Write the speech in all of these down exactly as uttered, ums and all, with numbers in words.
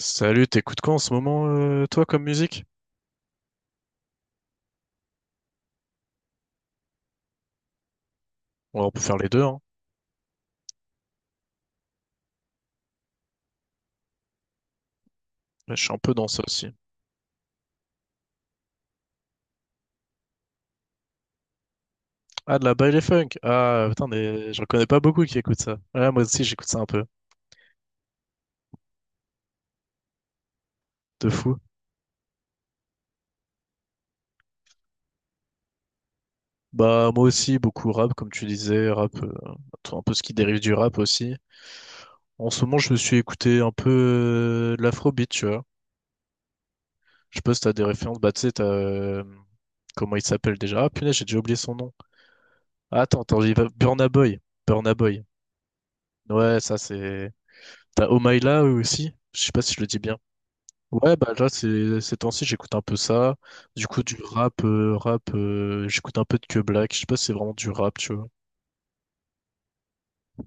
Salut, t'écoutes quoi en ce moment, euh, toi, comme musique? Ouais, on peut faire les deux, hein. Là, je suis un peu dans ça aussi. Ah, de la baile funk. Ah, putain, des... j'en connais pas beaucoup qui écoutent ça. Ouais, moi aussi, j'écoute ça un peu. De fou. Bah, moi aussi, beaucoup rap, comme tu disais, rap, euh, tout- un peu ce qui dérive du rap aussi. En ce moment, je me suis écouté un peu euh, de l'afrobeat, tu vois. Je sais pas si t'as des références. Bah, tu sais, t'as... euh, Comment il s'appelle déjà? Ah, punaise, j'ai déjà oublié son nom. Ah, Attends, attends, j'y vais. Burna Boy. Burna Boy. Ouais, ça, c'est... T'as Omaïla aussi, je sais pas si je le dis bien. Ouais, bah là, c'est, ces temps-ci, j'écoute un peu ça. Du coup, du rap, euh, rap, euh, j'écoute un peu de Que Black. Je sais pas si c'est vraiment du rap, tu vois.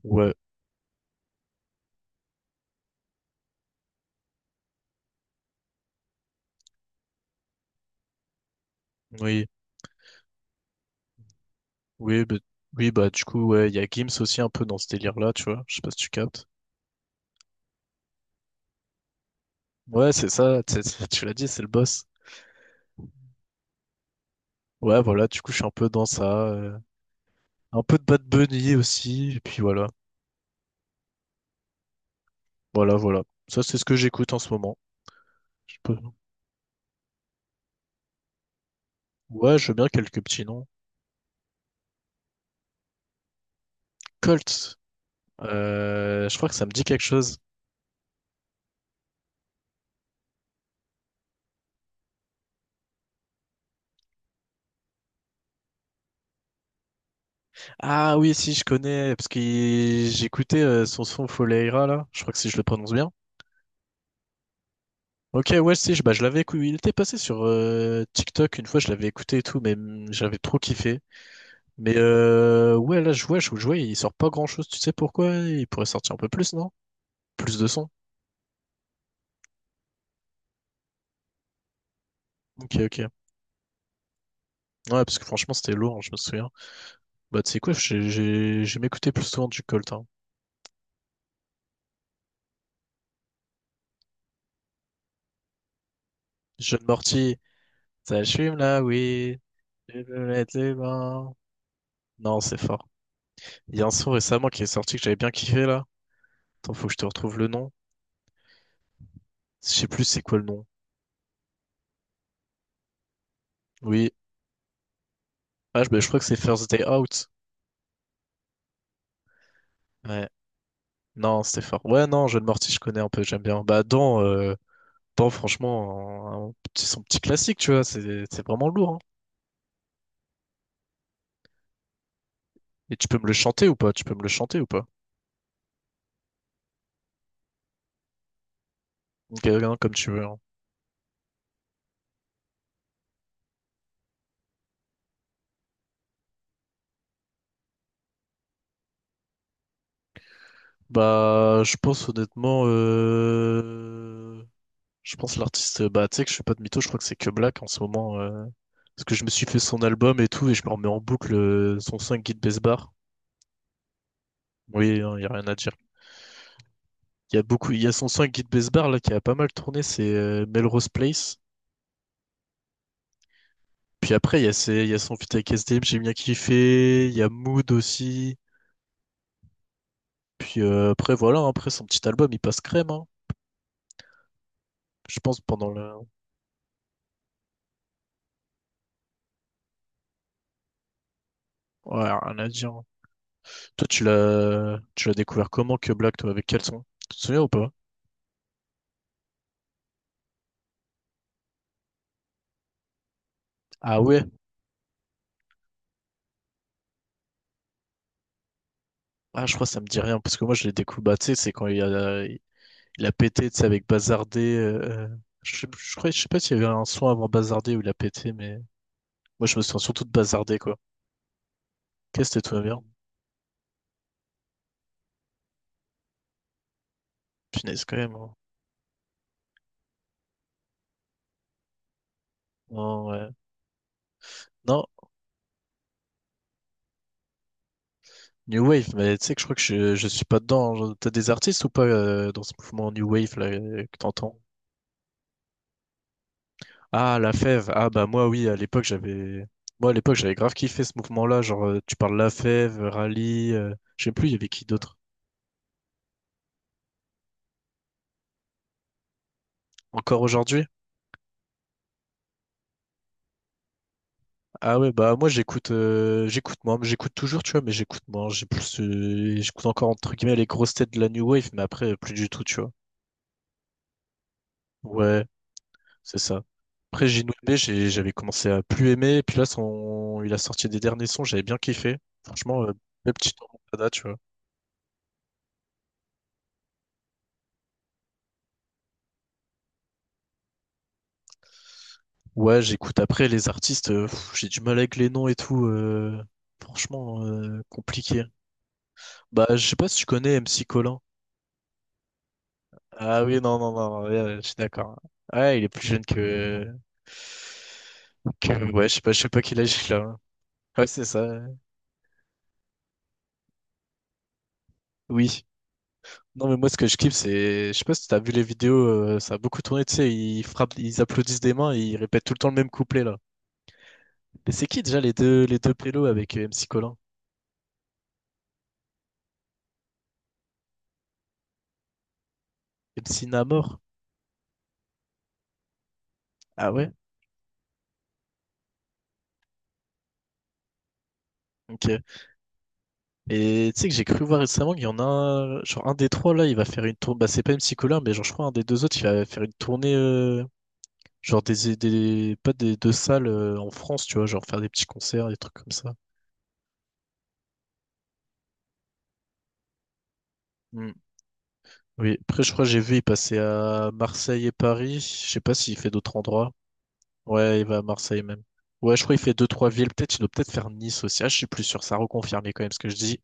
Ouais, oui, oui, bah, oui, bah du coup, ouais, il y a Gims aussi un peu dans ce délire-là, tu vois. Je sais pas si tu captes. Ouais, c'est ça, tu sais, tu l'as dit, c'est le boss. Ouais, voilà, du coup, je suis un peu dans ça. Euh, un peu de Bad Bunny aussi, et puis voilà. Voilà, voilà. Ça, c'est ce que j'écoute en ce moment. Je peux... Ouais, je veux bien quelques petits noms. Colt. Euh, je crois que ça me dit quelque chose. Ah oui, si, je connais, parce que j'écoutais euh, son son Foleira, là. Je crois que si je le prononce bien. Ok, ouais, si, je, bah, je l'avais écouté. Il était passé sur euh, TikTok une fois, je l'avais écouté et tout, mais mm, j'avais trop kiffé. Mais euh, ouais, là, je vois, je, je vois, il sort pas grand-chose. Tu sais pourquoi? Il pourrait sortir un peu plus, non? Plus de son. Ok, ok. Ouais, parce que franchement, c'était lourd, hein, je me souviens. Bah, tu sais quoi, j'ai j'ai- j'ai m'écouté plus souvent du Colt, hein. Jeune Morty, ça fume là, oui. Je vais me mettre les mains. Non, c'est fort. Il y a un son récemment qui est sorti que j'avais bien kiffé là. Attends, faut que je te retrouve le nom. Je sais plus c'est quoi le nom. Oui. Ah, je, bah, je crois que c'est First Day Out. Ouais. Non, c'était fort. Ouais, non, John Morty, je connais un peu, j'aime bien. Bah, dans, euh, dans, franchement, un- un petit- son petit classique, tu vois, c'est c'est vraiment lourd. hein. Et tu peux me le chanter ou pas? Tu peux me le chanter ou pas? Ok, hein, comme tu veux. hein. Bah, je pense honnêtement. euh, Je pense l'artiste, euh, bah tu sais que je suis pas de mytho, je crois que c'est que Black en ce moment. Euh, parce que je me suis fait son album et tout, et je me remets en boucle euh, son cinq Guide Besbar. Oui, hein, y a rien à dire. Il y a beaucoup, il y a son cinq Guide Besbar là qui a pas mal tourné, c'est euh, Melrose Place. Puis après, il y a ses, il y a son feat avec S D M, j'ai bien kiffé. Il y a Mood aussi. Puis euh, après, voilà, hein, après son petit album, il passe crème, hein. Je pense pendant le. Ouais, rien à dire. hein. Toi, tu l'as, tu l'as découvert comment que Black, toi, avec quel son? Tu te souviens ou pas? Ah ouais. Ah, je crois que ça me dit rien, parce que moi, je l'ai découvert, bah, tu sais, c'est quand il a, il a pété, tu sais, avec Bazardé. euh, euh, je sais, je crois, je sais pas s'il y avait un son avant Bazardé où il a pété, mais moi, je me souviens surtout de Bazardé, quoi. Qu'est-ce que tout bien? Punaise, quand même. hein. Non, ouais. Non, New Wave, mais tu sais que je crois que je, je suis pas dedans. Genre, T'as des artistes ou pas euh, dans ce mouvement New Wave, là, euh, que t'entends? Ah, La Fève. Ah, bah, moi, oui, à l'époque, j'avais. Moi, à l'époque, j'avais grave kiffé ce mouvement-là. Genre, euh, tu parles La Fève, Rallye, euh, je sais plus, il y avait qui d'autre? Encore aujourd'hui? Ah ouais, bah moi j'écoute euh, j'écoute moi, j'écoute toujours, tu vois, mais j'écoute moi J'ai plus euh, j'écoute encore entre guillemets les grosses têtes de la New Wave, mais après euh, plus du tout, tu vois. Ouais, c'est ça. Après Inoue, j'ai j'avais commencé à plus aimer, puis là son il a sorti des derniers sons, j'avais bien kiffé. Franchement, euh, belle petite remontada, tu vois. Ouais, j'écoute après les artistes, euh, pff, j'ai du mal avec les noms et tout. Euh, franchement, euh, compliqué. Bah je sais pas si tu connais M C Colin. Ah oui, non, non, non, ouais, ouais, je suis d'accord. Ouais, il est plus jeune que... que... Ouais, je sais pas, je sais pas quel âge il a, hein. Ouais, c'est ça, ouais. Oui. Non, mais moi, ce que je kiffe, c'est... Je sais pas si t'as vu les vidéos, euh, ça a beaucoup tourné, tu sais, ils frappent, ils applaudissent des mains et ils répètent tout le temps le même couplet, là. Et c'est qui, déjà, les deux, les deux pélos avec euh, M C Colin? M C Namor? Ah ouais? Ok. Et tu sais que j'ai cru voir récemment qu'il y en a un, genre un des trois là, il va faire une tournée. Bah, c'est pas M C Colin, mais genre je crois un des deux autres, il va faire une tournée. euh, Genre des, des pas des deux salles euh, en France, tu vois, genre faire des petits concerts, des trucs comme ça. Hmm. Oui, après je crois que j'ai vu, il passait à Marseille et Paris. Je sais pas s'il fait d'autres endroits. Ouais, il va à Marseille même. Ouais, je crois qu'il fait deux, trois villes. Peut-être, il doit peut-être faire Nice aussi. Ah, je suis plus sûr, ça a reconfirmé quand même ce que je dis.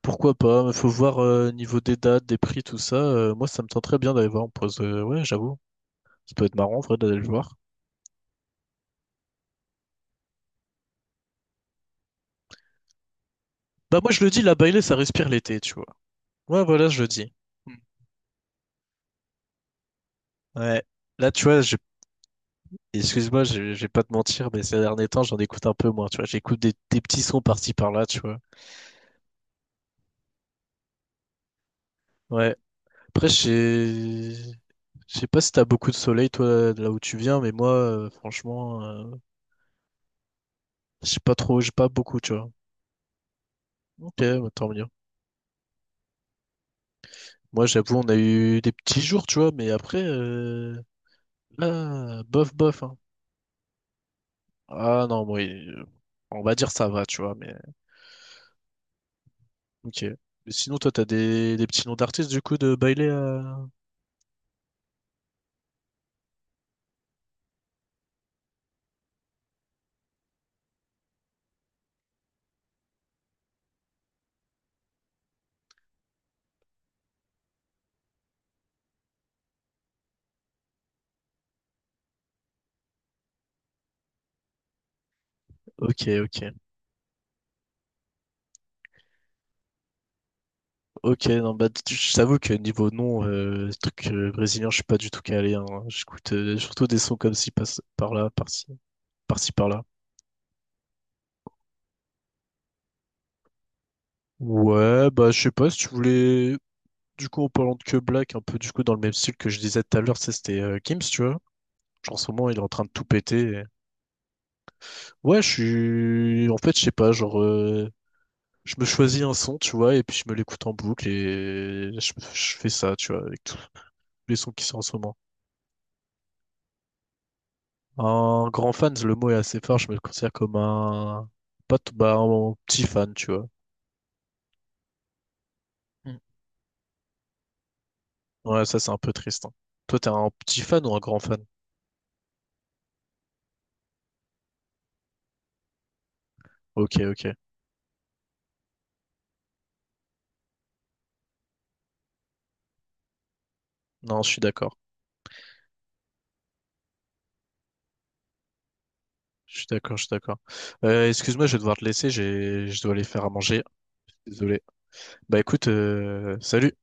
Pourquoi pas? mais Faut voir euh, niveau des dates, des prix, tout ça. Euh, moi, ça me tente très bien d'aller voir en pause. Euh, ouais, j'avoue. Ça peut être marrant en vrai d'aller le voir. Bah moi je le dis, la Bailey, ça respire l'été, tu vois. Ouais, voilà, je le dis. Hmm. Ouais. Là, tu vois, Excuse-moi, je, je vais pas te mentir, mais ces derniers temps, j'en écoute un peu moins, tu vois. J'écoute des, des petits sons par-ci par-là, tu vois. Ouais. Après, je sais je sais pas si t'as beaucoup de soleil, toi, de là où tu viens, mais moi, euh, franchement, euh, j'ai pas trop, j'ai pas beaucoup, tu vois. Ok, bah, tant mieux. Moi, j'avoue, on a eu des petits jours, tu vois, mais après, euh, là, bof, bof, hein. Ah non, bon, on va dire ça va, tu vois, mais ok. Mais sinon, toi, t'as des, des petits noms d'artistes, du coup, de bailer euh, Ok, ok. Ok, non, bah, tu- je t'avoue que niveau nom, euh, truc euh, brésilien, je suis pas du tout calé, hein. J'écoute euh, surtout des sons comme ci, par, par là, par ci, par ci, par là. Ouais, bah je sais pas si tu voulais. Du coup, en parlant de que Black, un peu du coup dans le même style que je disais tout à l'heure, ça c'était euh, Gims, tu vois. Genre en ce moment, il est en train de tout péter. et- Ouais, je suis. En fait, je sais pas, genre. euh, Je me choisis un son, tu vois, et puis je me l'écoute en boucle et je, je fais ça, tu vois, avec tous les sons qui sont en ce moment. Un grand fan, le mot est assez fort, je me considère comme un. Pas t- bah, un petit fan, tu vois. Mm. Ouais, ça c'est un peu triste. hein. Toi, t'es un petit fan ou un grand fan? Ok, ok. Non, je suis d'accord. Je suis d'accord, je suis d'accord. Euh, excuse-moi, je vais devoir te laisser, j'ai, je dois aller faire à manger. Désolé. Bah écoute, euh, salut.